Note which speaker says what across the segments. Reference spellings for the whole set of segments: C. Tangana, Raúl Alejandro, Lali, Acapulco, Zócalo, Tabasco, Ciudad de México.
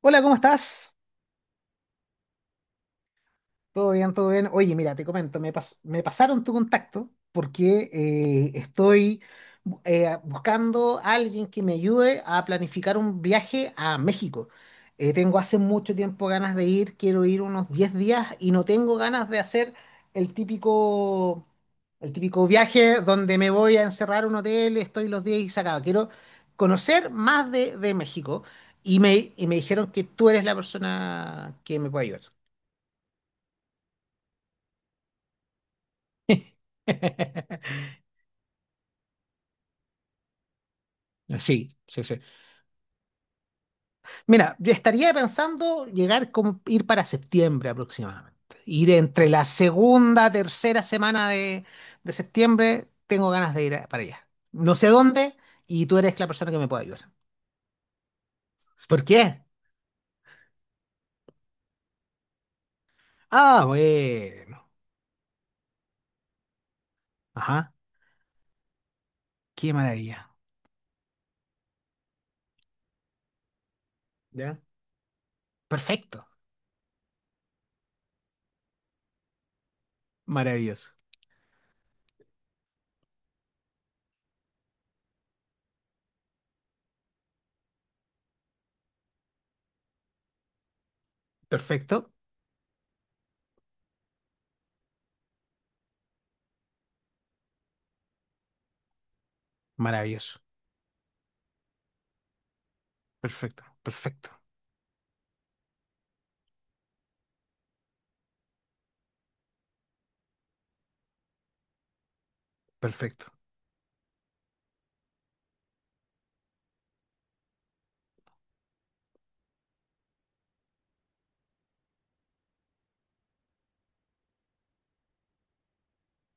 Speaker 1: Hola, ¿cómo estás? ¿Todo bien? ¿Todo bien? Oye, mira, te comento, me pasaron tu contacto porque estoy buscando a alguien que me ayude a planificar un viaje a México. Tengo hace mucho tiempo ganas de ir, quiero ir unos 10 días y no tengo ganas de hacer el típico, el típico viaje donde me voy a encerrar a un hotel, estoy los días y se acaba. Quiero conocer más de México y me dijeron que tú eres la persona que me puede ayudar. Sí, sí, sí. Mira, yo estaría pensando llegar como ir para septiembre aproximadamente. Ir entre la segunda, tercera semana de septiembre, tengo ganas de ir para allá. No sé dónde y tú eres la persona que me puede ayudar. ¿Por qué? Ah, bueno. Ajá, qué maravilla. ¿Ya? Perfecto. Maravilloso. Perfecto. Maravilloso. Perfecto. Perfecto. Perfecto.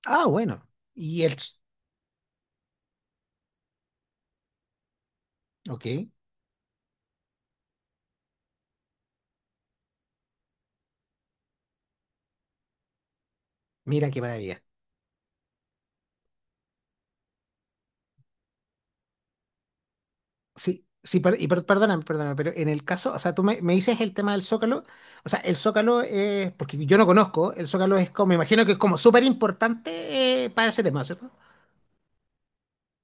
Speaker 1: Ah, bueno. Y el... Ok. Mira qué maravilla. Sí, sí, perdóname, perdóname, pero en el caso, o sea, tú me dices el tema del Zócalo, o sea, el Zócalo es, porque yo no conozco, el Zócalo es como, me imagino que es como súper importante para ese tema, ¿cierto?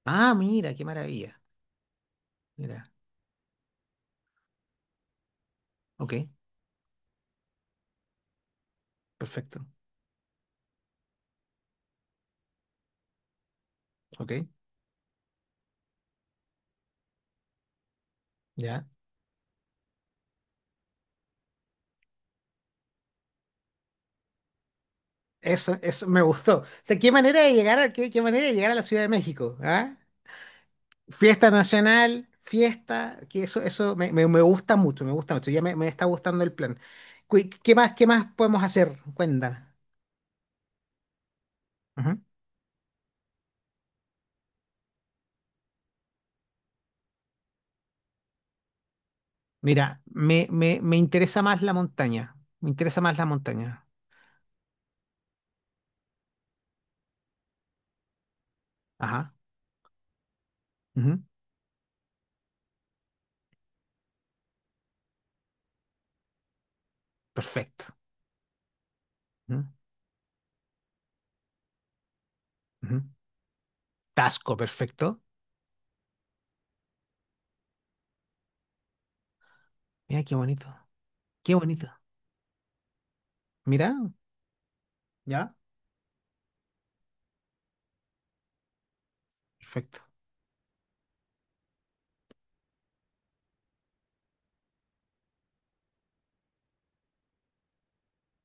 Speaker 1: Ah, mira, qué maravilla, mira, ok, perfecto, ok, ya, eso me gustó, o sea, qué manera de llegar a la Ciudad de México, ¿ah? Fiesta nacional, fiesta, que eso me gusta mucho, me gusta mucho, ya me está gustando el plan. ¿Qué más podemos hacer? ¿Cuenta? Mira, me interesa más la montaña. Me interesa más la montaña. Ajá. Ujú, perfecto. Ujú, ujú. Tasco, perfecto. Mira, qué bonito. Qué bonito. Mira, ya. Perfecto,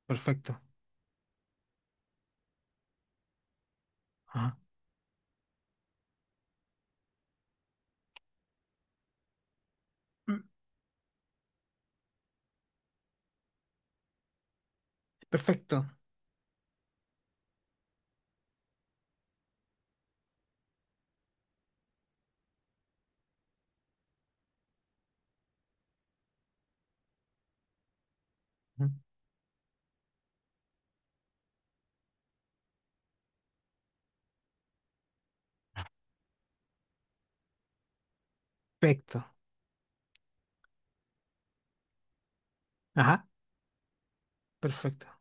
Speaker 1: perfecto. Ajá. Mm, perfecto. Ujú, perfecto. Ajá. Perfecto.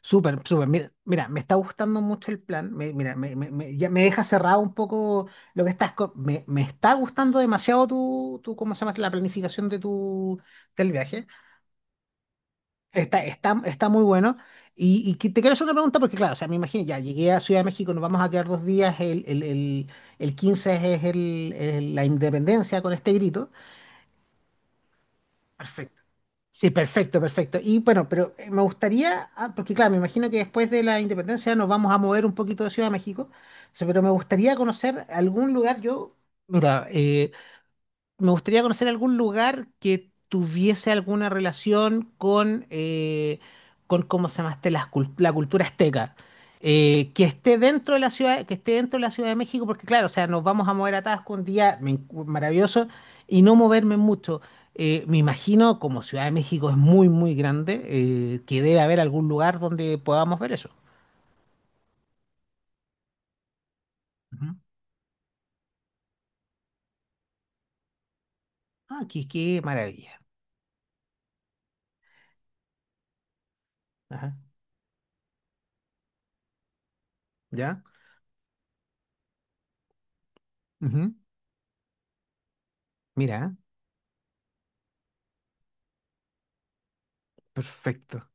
Speaker 1: Súper, súper. Mira, mira, me está gustando mucho el plan. Mira, ya me deja cerrado un poco lo que estás. Me está gustando demasiado tu, tu, ¿cómo se llama? La planificación del viaje. Está, está, está muy bueno. Y que- te quiero hacer una pregunta porque, claro, o sea, me imagino, ya llegué a Ciudad de México, nos vamos a quedar dos días, el 15 es la independencia con este grito. Perfecto. Sí, perfecto, perfecto. Y bueno, pero me gustaría, ah, porque claro, me imagino que después de la independencia nos vamos a mover un poquito de Ciudad de México, sí, pero me gustaría conocer algún lugar, mira, me gustaría conocer algún lugar que tuviese alguna relación con, con, ¿cómo se llama este? La cultura azteca. Que esté dentro de la ciudad, que esté dentro de la Ciudad de México, porque claro, o sea, nos vamos a mover a Tabasco un día maravilloso y no moverme mucho. Me imagino, como Ciudad de México es muy, muy grande, que debe haber algún lugar donde podamos ver eso. Ujú. Ah, qué maravilla. Ajá, ¿ya? Ujú, mira, perfecto.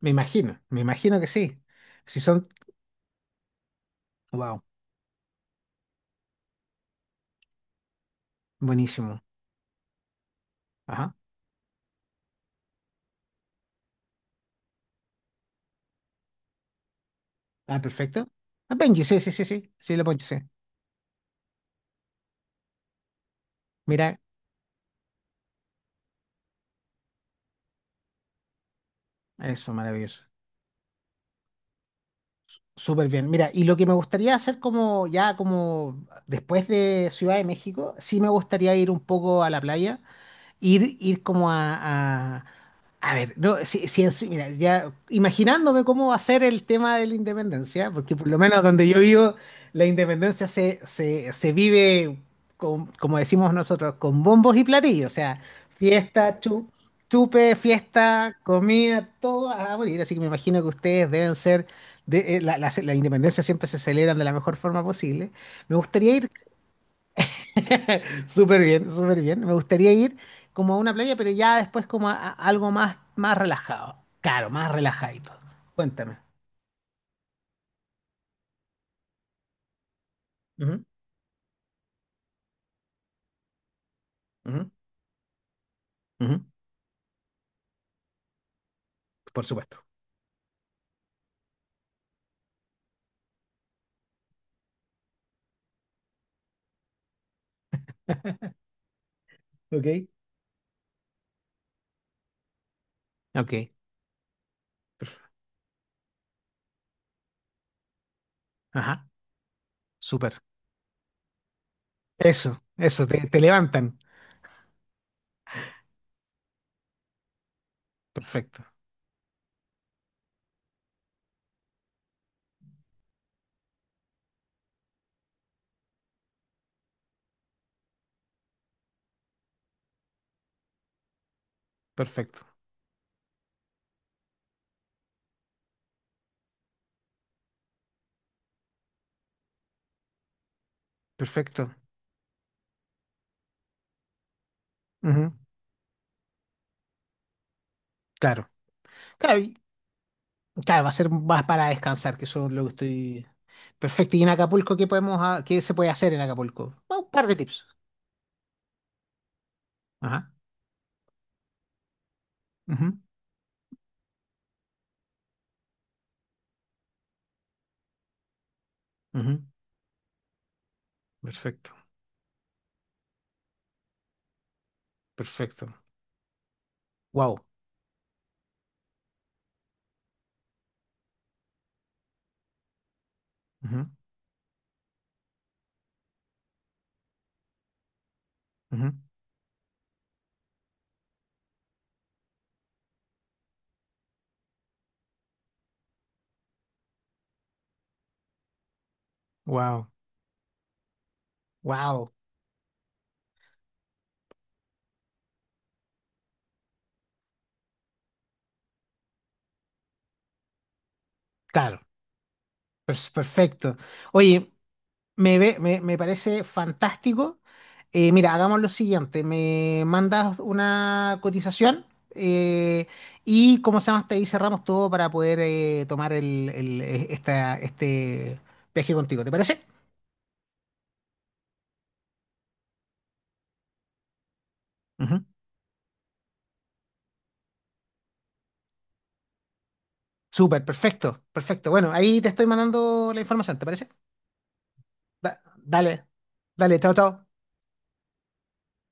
Speaker 1: Me imagino que sí. Si son. Wow, buenísimo. Ajá. Ah, perfecto. Ah, Benji, sí, sí, sí, sí. Sí, lo Ponchi, sí. Mira, eso, maravilloso. Súper bien. Mira, y lo que me gustaría hacer como ya como después de Ciudad de México, sí me gustaría ir un poco a la playa, ir como a ver, no, si, si mira, ya imaginándome cómo va a ser el tema de la independencia, porque por lo menos donde yo vivo, la independencia se, se vive, como decimos nosotros, con bombos y platillos, o sea, fiesta, chupe, fiesta, comida, todo a morir. Así que me imagino que ustedes deben ser, de, la independencia siempre se celebran de la mejor forma posible. Me gustaría ir Súper bien, súper bien. Me gustaría ir como a una playa, pero ya después como a algo más, más relajado. Claro, más relajadito. Cuéntame. Ujú, ujú, ujú. Por supuesto. Ok. Ok. Ajá. Súper. Eso, te levantan. Perfecto, perfecto, perfecto. Ujú, claro. Claro, claro, va a ser más para descansar, que eso es lo que estoy. Perfecto. ¿Y en Acapulco qué podemos, qué se puede hacer en Acapulco? Un par de tips. Ajá. Ujú, ujú, perfecto, perfecto. Wow. Ujú, ujú. Wow. Wow. Claro. Perfecto. Oye, me, me, me parece fantástico. Mira, hagamos lo siguiente. Me mandas una cotización eh, y, como se llama? Hasta ahí cerramos todo para poder tomar este viaje contigo. ¿Te parece? Ujú. Súper, perfecto. Perfecto. Bueno, ahí te estoy mandando la información. ¿Te parece? Dale. Dale, chao, chao.